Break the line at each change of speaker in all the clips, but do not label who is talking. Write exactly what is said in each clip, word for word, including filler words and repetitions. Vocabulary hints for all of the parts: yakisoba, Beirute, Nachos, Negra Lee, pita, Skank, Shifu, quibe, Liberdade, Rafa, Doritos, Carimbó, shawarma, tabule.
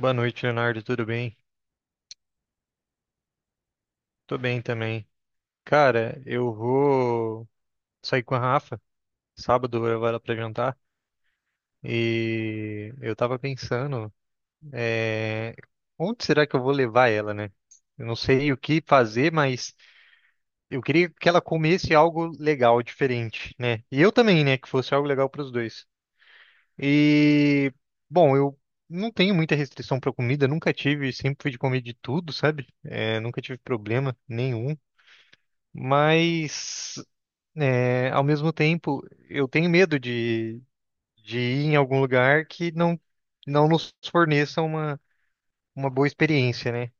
Boa noite, Leonardo. Tudo bem? Tô bem também. Cara, eu vou sair com a Rafa. Sábado eu levo ela pra jantar. E eu tava pensando, é, onde será que eu vou levar ela, né? Eu não sei o que fazer, mas eu queria que ela comesse algo legal, diferente, né? E eu também, né? Que fosse algo legal pros dois. E, bom, eu não tenho muita restrição pra comida, nunca tive, sempre fui de comer de tudo, sabe? É, nunca tive problema nenhum. Mas, é, ao mesmo tempo, eu tenho medo de, de ir em algum lugar que não, não nos forneça uma, uma boa experiência, né?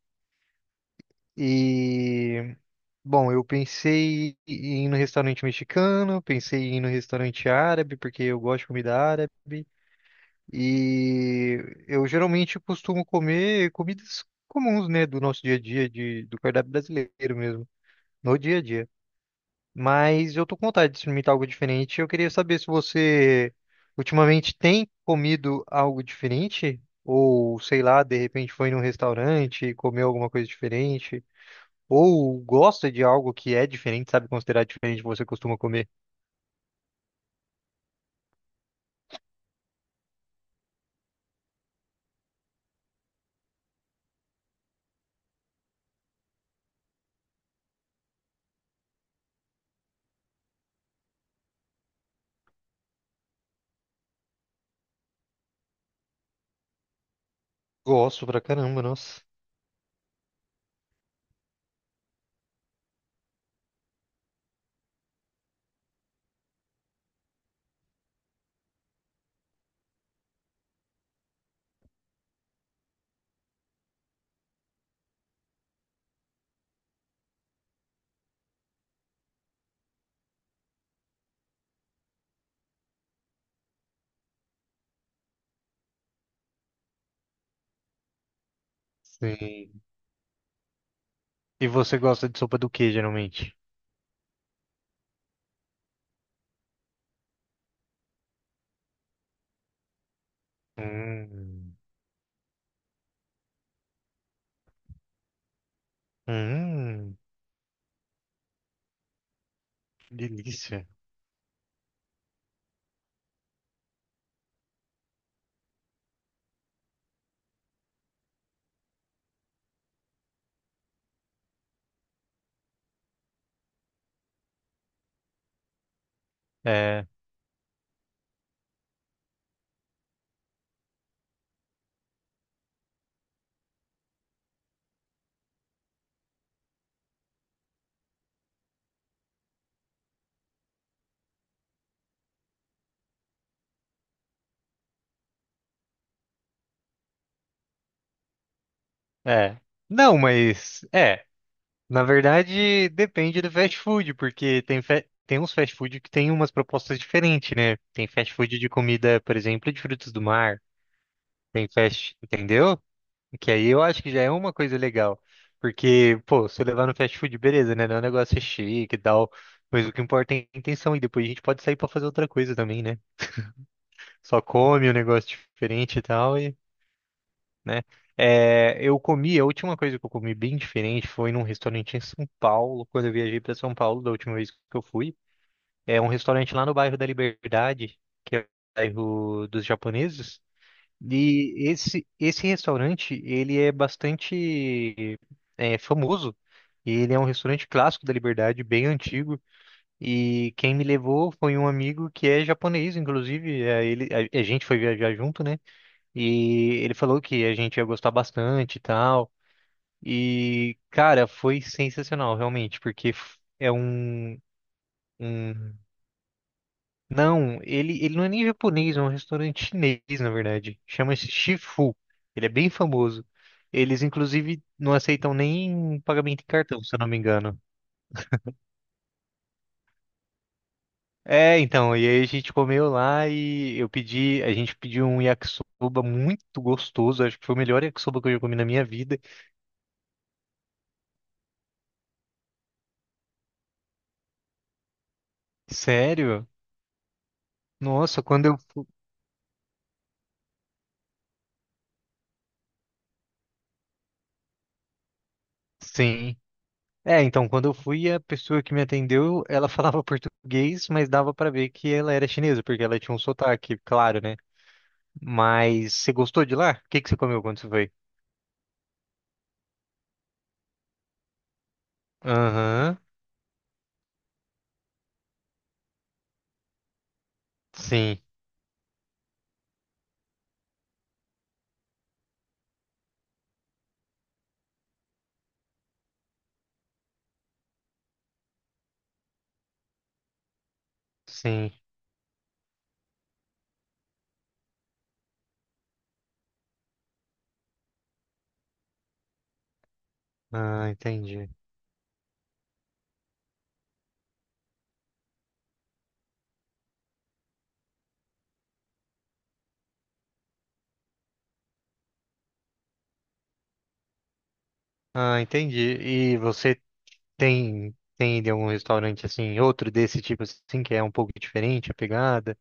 E, bom, eu pensei em ir no restaurante mexicano, pensei em ir no restaurante árabe, porque eu gosto de comida árabe. E eu geralmente costumo comer comidas comuns, né, do nosso dia a dia, de, do cardápio brasileiro mesmo, no dia a dia. Mas eu tô com vontade de experimentar algo diferente. Eu queria saber se você ultimamente tem comido algo diferente, ou sei lá, de repente foi num restaurante e comeu alguma coisa diferente, ou gosta de algo que é diferente, sabe, considerar diferente do que você costuma comer. Gosto pra caramba, nossa. Sim. E você gosta de sopa do que geralmente? Hum, hum, delícia. É, é. Não, mas é. Na verdade, depende do fast food, porque tem, fa- tem uns fast food que tem umas propostas diferentes, né? Tem fast food de comida, por exemplo, de frutos do mar. Tem fast, entendeu? Que aí eu acho que já é uma coisa legal. Porque, pô, se eu levar no fast food, beleza, né? Não é um negócio chique e tal. Mas o que importa é a intenção. E depois a gente pode sair pra fazer outra coisa também, né? Só come um negócio diferente e tal né? É, eu comi, a última coisa que eu comi bem diferente foi num restaurante em São Paulo, quando eu viajei para São Paulo da última vez que eu fui. É um restaurante lá no bairro da Liberdade, que é o bairro dos japoneses. E esse, esse restaurante, ele é bastante é, famoso. E ele é um restaurante clássico da Liberdade, bem antigo. E quem me levou foi um amigo que é japonês, inclusive. é, ele, a a gente foi viajar junto, né? E ele falou que a gente ia gostar bastante e tal. E, cara, foi sensacional, realmente, porque f- é um, um... Não, ele, ele não é nem japonês, é um restaurante chinês, na verdade. Chama-se Shifu. Ele é bem famoso. Eles, inclusive, não aceitam nem pagamento em cartão, se eu não me engano. É, então, e aí a gente comeu lá e eu pedi, a gente pediu um yakisoba muito gostoso, acho que foi o melhor yakisoba que eu já comi na minha vida. Sério? Nossa, quando Sim. É, então, quando eu fui, a pessoa que me atendeu, ela falava português, mas dava pra ver que ela era chinesa, porque ela tinha um sotaque, claro, né? Mas você gostou de lá? O que que você comeu quando você foi? Aham. Sim, sim. Ah, entendi. Ah, entendi. E você tem tem ido em algum restaurante assim, outro desse tipo assim, que é um pouco diferente a pegada?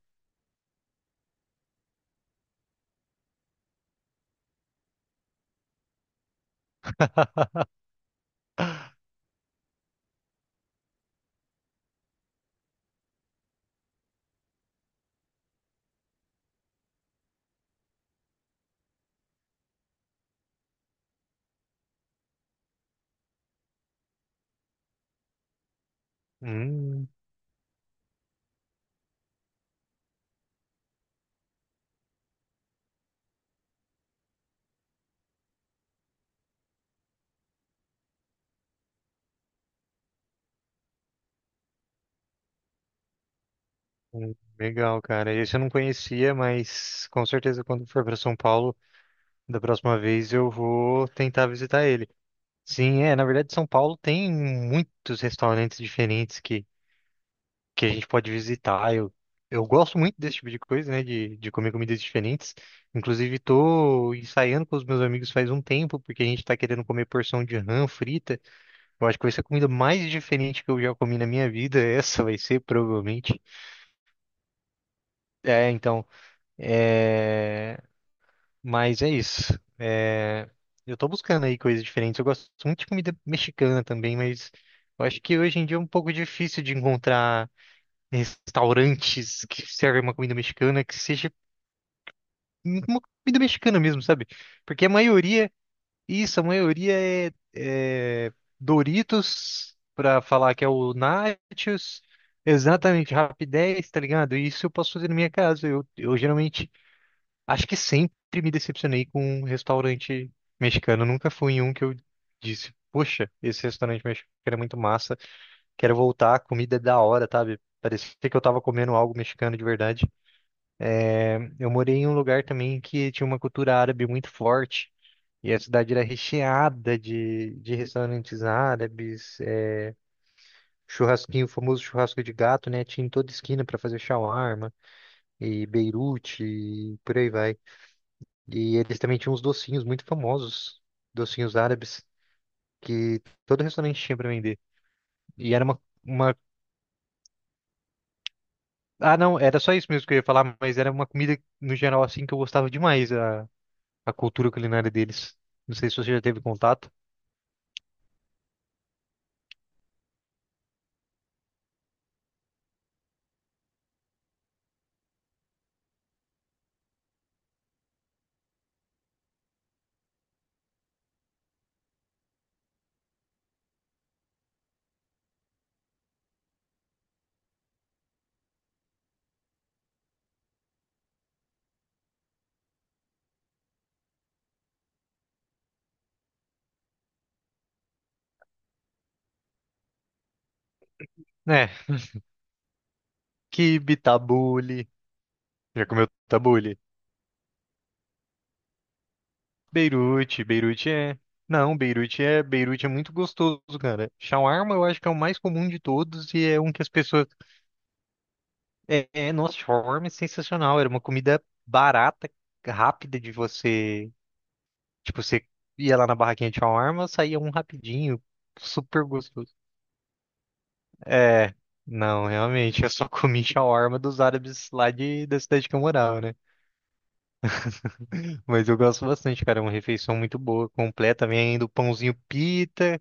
Hum, hum, legal, cara. Esse eu não conhecia, mas com certeza quando for para São Paulo da próxima vez eu vou tentar visitar ele. Sim, é, na verdade São Paulo tem muitos restaurantes diferentes que, que a gente pode visitar. Eu, eu gosto muito desse tipo de coisa, né, de, de comer comidas diferentes. Inclusive tô ensaiando com os meus amigos faz um tempo, porque a gente tá querendo comer porção de rã frita. Eu acho que vai ser a comida mais diferente que eu já comi na minha vida. Essa vai ser, provavelmente. É, então, é, Mas é isso. É, Eu tô buscando aí coisas diferentes. Eu gosto muito de comida mexicana também, mas eu acho que hoje em dia é um pouco difícil de encontrar restaurantes que servem uma comida mexicana que seja uma comida mexicana mesmo, sabe? Porque a maioria, isso, a maioria é, é Doritos pra falar que é o Nachos. Exatamente, rapidez, tá ligado? Isso eu posso fazer na minha casa. Eu, eu geralmente acho que sempre me decepcionei com um restaurante mexicano. Nunca fui em um que eu disse, poxa, esse restaurante mexicano é muito massa. Quero voltar, a comida é da hora, sabe? Parecia que eu tava comendo algo mexicano de verdade. Eu morei em um lugar também que tinha uma cultura árabe muito forte. E a cidade era recheada de, de restaurantes árabes, é, churrasquinho, o famoso churrasco de gato, né? Tinha em toda esquina para fazer shawarma, e Beirute, e por aí vai. E eles também tinham uns docinhos muito famosos, docinhos árabes, que todo restaurante tinha pra vender. E era uma, uma... Ah, não, era só isso mesmo que eu ia falar, mas era uma comida, no geral, assim, que eu gostava demais, a, a cultura culinária deles. Não sei se você já teve contato. Né, quibe, tabule. Já comeu tabule? Beirute, Beirute é... Não, Beirute é, Beirute é muito gostoso, cara. Shawarma eu acho que é o mais comum de todos e é um que as pessoas é, é, nossa, shawarma é sensacional. Era uma comida barata, rápida de você. Tipo, você ia lá na barraquinha de shawarma, saía um rapidinho, super gostoso. É, não, realmente, eu só comi shawarma dos árabes lá de, da cidade que eu morava, né? Mas eu gosto bastante, cara. É uma refeição muito boa, completa. Vem ainda o pãozinho pita,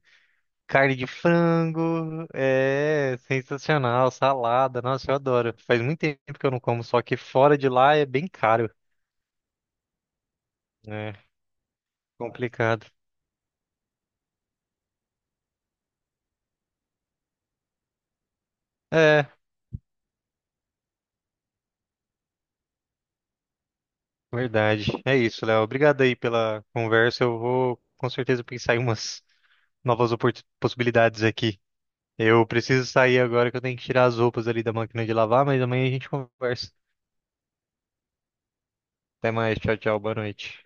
carne de frango. É, sensacional. Salada, nossa, eu adoro. Faz muito tempo que eu não como, só que fora de lá é bem caro. Né? Complicado. É, verdade. É isso, Léo. Obrigado aí pela conversa. Eu vou com certeza pensar em umas novas opor- possibilidades aqui. Eu preciso sair agora que eu tenho que tirar as roupas ali da máquina de lavar, mas amanhã a gente conversa. Até mais. Tchau, tchau. Boa noite.